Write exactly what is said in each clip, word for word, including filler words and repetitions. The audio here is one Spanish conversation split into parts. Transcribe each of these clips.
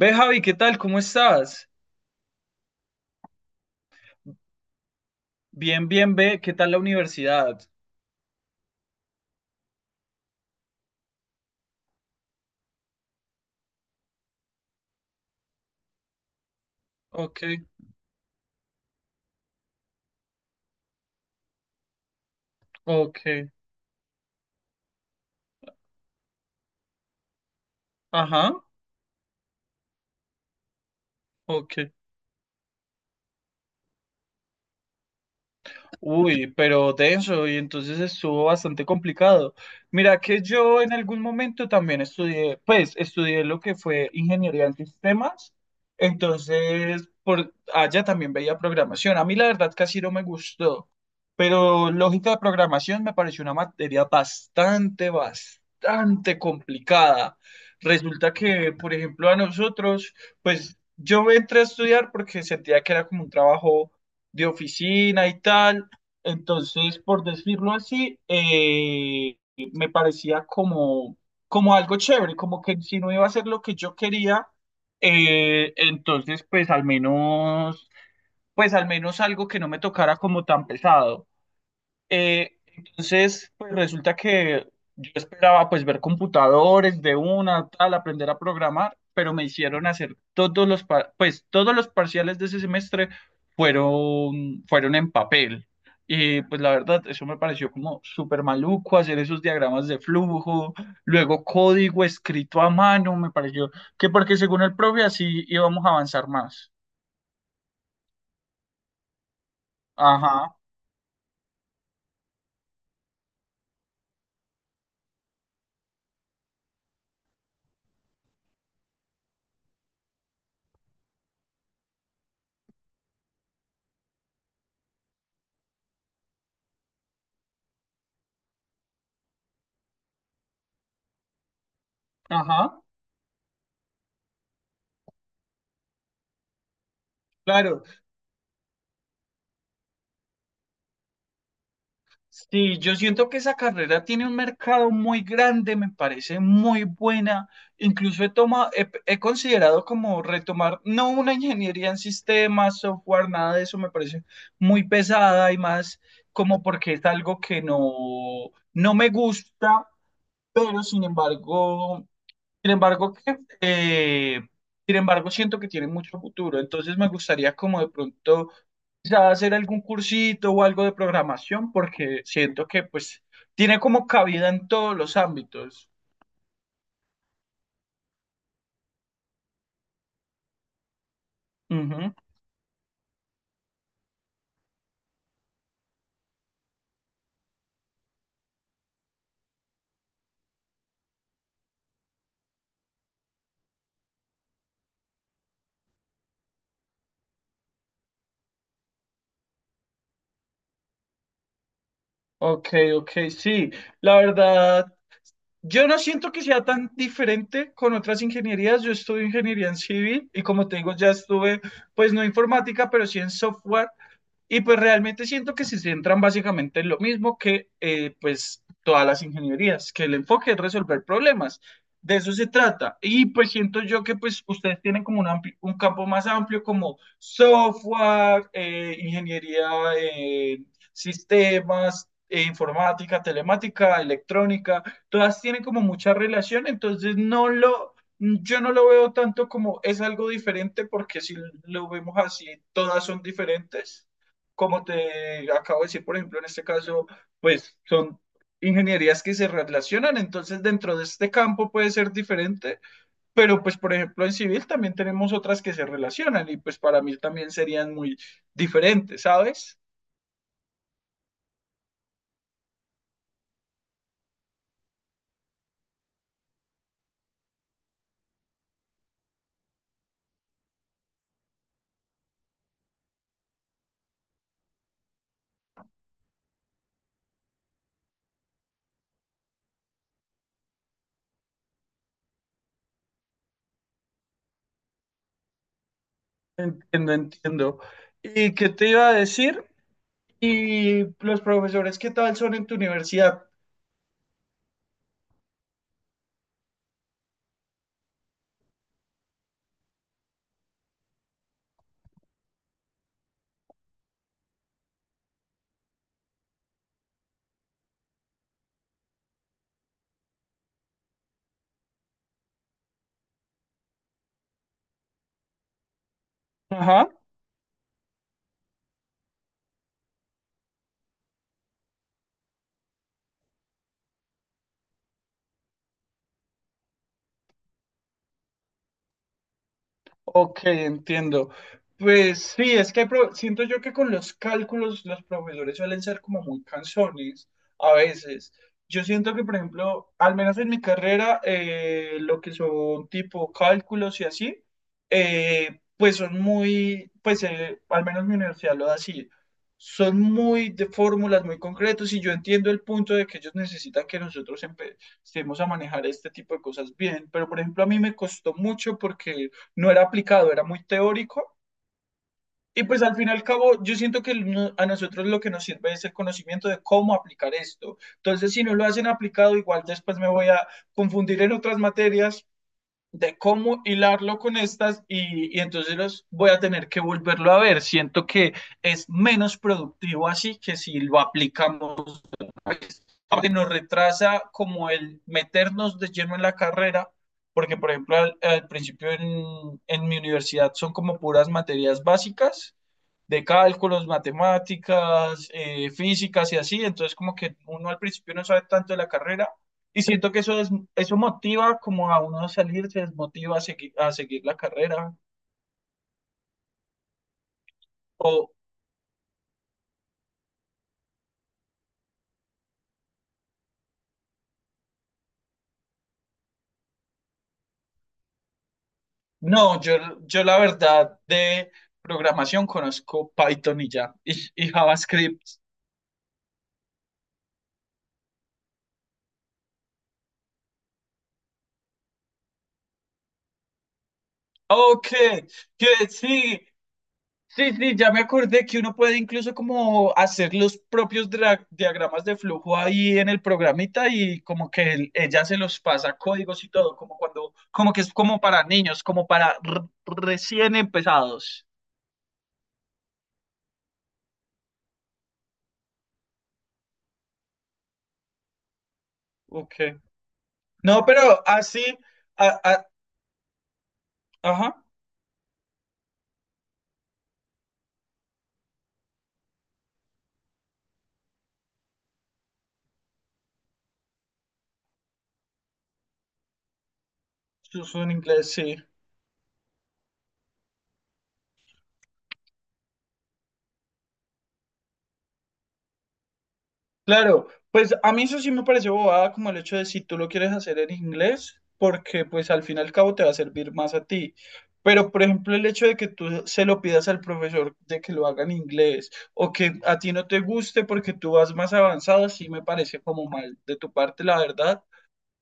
Ve, Javi, ¿qué tal? ¿Cómo estás? Bien, bien, ve, ¿qué tal la universidad? Ok, ok, ajá, ok. Uy, pero denso, y entonces estuvo bastante complicado. Mira que yo en algún momento también estudié, pues estudié lo que fue ingeniería en sistemas, entonces por allá también veía programación. A mí la verdad casi no me gustó, pero lógica de programación me pareció una materia bastante, bastante complicada. Resulta que, por ejemplo, a nosotros, pues yo entré a estudiar porque sentía que era como un trabajo de oficina y tal, entonces, por decirlo así, eh, me parecía como, como algo chévere, como que si no iba a ser lo que yo quería. Eh, entonces pues al menos, pues al menos algo que no me tocara como tan pesado. Eh, entonces, pues resulta que yo esperaba pues ver computadores de una, tal, aprender a programar, pero me hicieron hacer todos los, par- pues todos los parciales de ese semestre fueron, fueron en papel. Y pues la verdad, eso me pareció como súper maluco hacer esos diagramas de flujo, luego código escrito a mano. Me pareció que porque según el profe así íbamos a avanzar más. Ajá, ajá. Claro. Sí, yo siento que esa carrera tiene un mercado muy grande, me parece muy buena. Incluso he toma- he, he considerado como retomar, no una ingeniería en sistemas, software, nada de eso, me parece muy pesada y más como porque es algo que no, no me gusta, pero sin embargo, sin embargo, que, eh, sin embargo, siento que tiene mucho futuro. Entonces me gustaría como de pronto quizá hacer algún cursito o algo de programación, porque siento que pues tiene como cabida en todos los ámbitos. Ujú. Ok, ok, sí. La verdad, yo no siento que sea tan diferente con otras ingenierías. Yo estudio ingeniería en civil y como te digo, ya estuve, pues no informática, pero sí en software. Y pues realmente siento que se centran básicamente en lo mismo que eh, pues todas las ingenierías, que el enfoque es resolver problemas. De eso se trata. Y pues siento yo que pues ustedes tienen como un, ampli- un campo más amplio como software, eh, ingeniería, eh, sistemas, eh, informática, telemática, electrónica. Todas tienen como mucha relación, entonces no lo, yo no lo veo tanto como es algo diferente, porque si lo vemos así, todas son diferentes como te acabo de decir. Por ejemplo, en este caso, pues son ingenierías que se relacionan, entonces dentro de este campo puede ser diferente, pero pues por ejemplo en civil también tenemos otras que se relacionan y pues para mí también serían muy diferentes, ¿sabes? Entiendo, entiendo. ¿Y qué te iba a decir? ¿Y los profesores qué tal son en tu universidad? Ajá. Ok, entiendo. Pues sí, es que hay pro- siento yo que con los cálculos los profesores suelen ser como muy cansones a veces. Yo siento que, por ejemplo, al menos en mi carrera, eh, lo que son tipo cálculos y así, eh, pues son muy, pues eh, al menos mi universidad lo da así, son muy de fórmulas muy concretos, y yo entiendo el punto de que ellos necesitan que nosotros empecemos a manejar este tipo de cosas bien, pero por ejemplo a mí me costó mucho porque no era aplicado, era muy teórico. Y pues al fin y al cabo, yo siento que no- a nosotros lo que nos sirve es el conocimiento de cómo aplicar esto. Entonces, si no lo hacen aplicado, igual después me voy a confundir en otras materias de cómo hilarlo con estas, y, y entonces los voy a tener que volverlo a ver. Siento que es menos productivo así que si lo aplicamos, que nos retrasa como el meternos de lleno en la carrera, porque por ejemplo al, al principio en, en mi universidad son como puras materias básicas de cálculos, matemáticas, eh, físicas y así, entonces como que uno al principio no sabe tanto de la carrera y siento que eso, es, eso motiva como a uno a salir, se desmotiva a seguir, a seguir la carrera. O no, yo, yo la verdad de programación conozco Python y ya, y, y JavaScript. Ok, que sí, sí, sí, ya me acordé que uno puede incluso como hacer los propios dra- diagramas de flujo ahí en el programita, y como que el- ella se los pasa códigos y todo, como cuando, como que es como para niños, como para r- recién empezados. Ok. No, pero así, a- a- ajá, eso es en inglés, sí. Claro, pues a mí eso sí me parece bobada, como el hecho de si tú lo quieres hacer en inglés, porque pues al fin y al cabo te va a servir más a ti. Pero por ejemplo el hecho de que tú se lo pidas al profesor de que lo haga en inglés, o que a ti no te guste porque tú vas más avanzado, sí me parece como mal de tu parte, la verdad,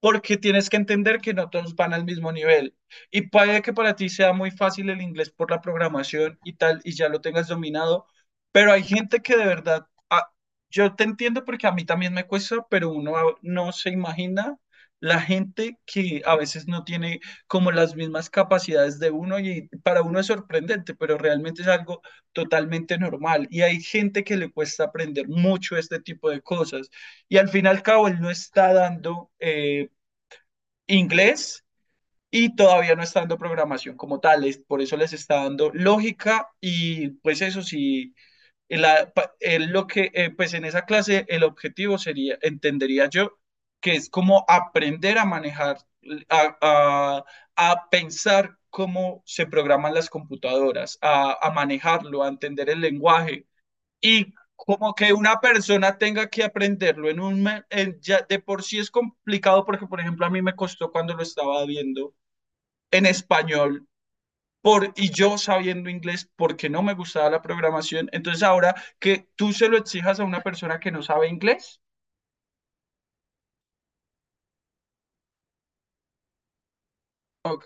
porque tienes que entender que no todos van al mismo nivel. Y puede que para ti sea muy fácil el inglés por la programación y tal, y ya lo tengas dominado, pero hay gente que de verdad, ah, yo te entiendo porque a mí también me cuesta, pero uno a- no se imagina la gente que a veces no tiene como las mismas capacidades de uno, y para uno es sorprendente, pero realmente es algo totalmente normal. Y hay gente que le cuesta aprender mucho este tipo de cosas, y al fin y al cabo él no está dando eh, inglés, y todavía no está dando programación como tal, es- por eso les está dando lógica, y pues eso sí, en la, pa- en lo que, eh, pues en esa clase el objetivo sería, entendería yo, que es como aprender a manejar, a, a- a pensar cómo se programan las computadoras, a, a manejarlo, a entender el lenguaje, y como que una persona tenga que aprenderlo en un me- en- ya de por sí es complicado, porque por ejemplo a mí me costó cuando lo estaba viendo en español, por y yo sabiendo inglés porque no me gustaba la programación. Entonces ahora que tú se lo exijas a una persona que no sabe inglés, ok,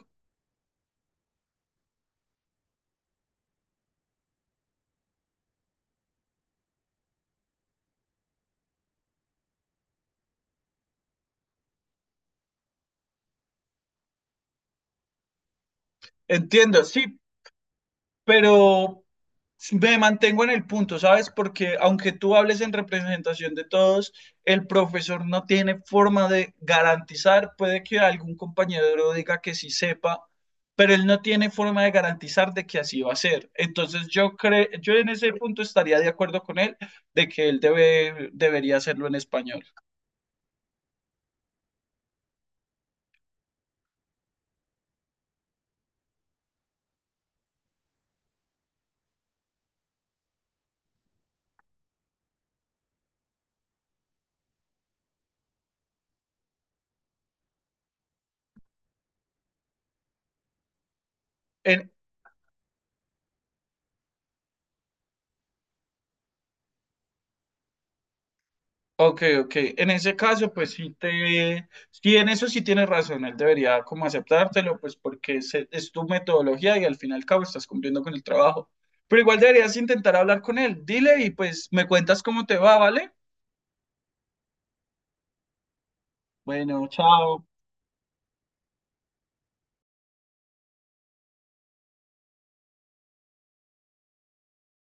entiendo, sí, pero me mantengo en el punto, ¿sabes? Porque aunque tú hables en representación de todos, el profesor no tiene forma de garantizar, puede que algún compañero diga que sí sepa, pero él no tiene forma de garantizar de que así va a ser. Entonces yo creo, yo en ese punto estaría de acuerdo con él de que él debe, debería hacerlo en español. En, Ok, ok. En ese caso, pues sí te, sí, en eso sí tienes razón, él debería como aceptártelo, pues porque es, es tu metodología y al fin y al cabo estás cumpliendo con el trabajo. Pero igual deberías intentar hablar con él. Dile y pues me cuentas cómo te va, ¿vale? Bueno, chao.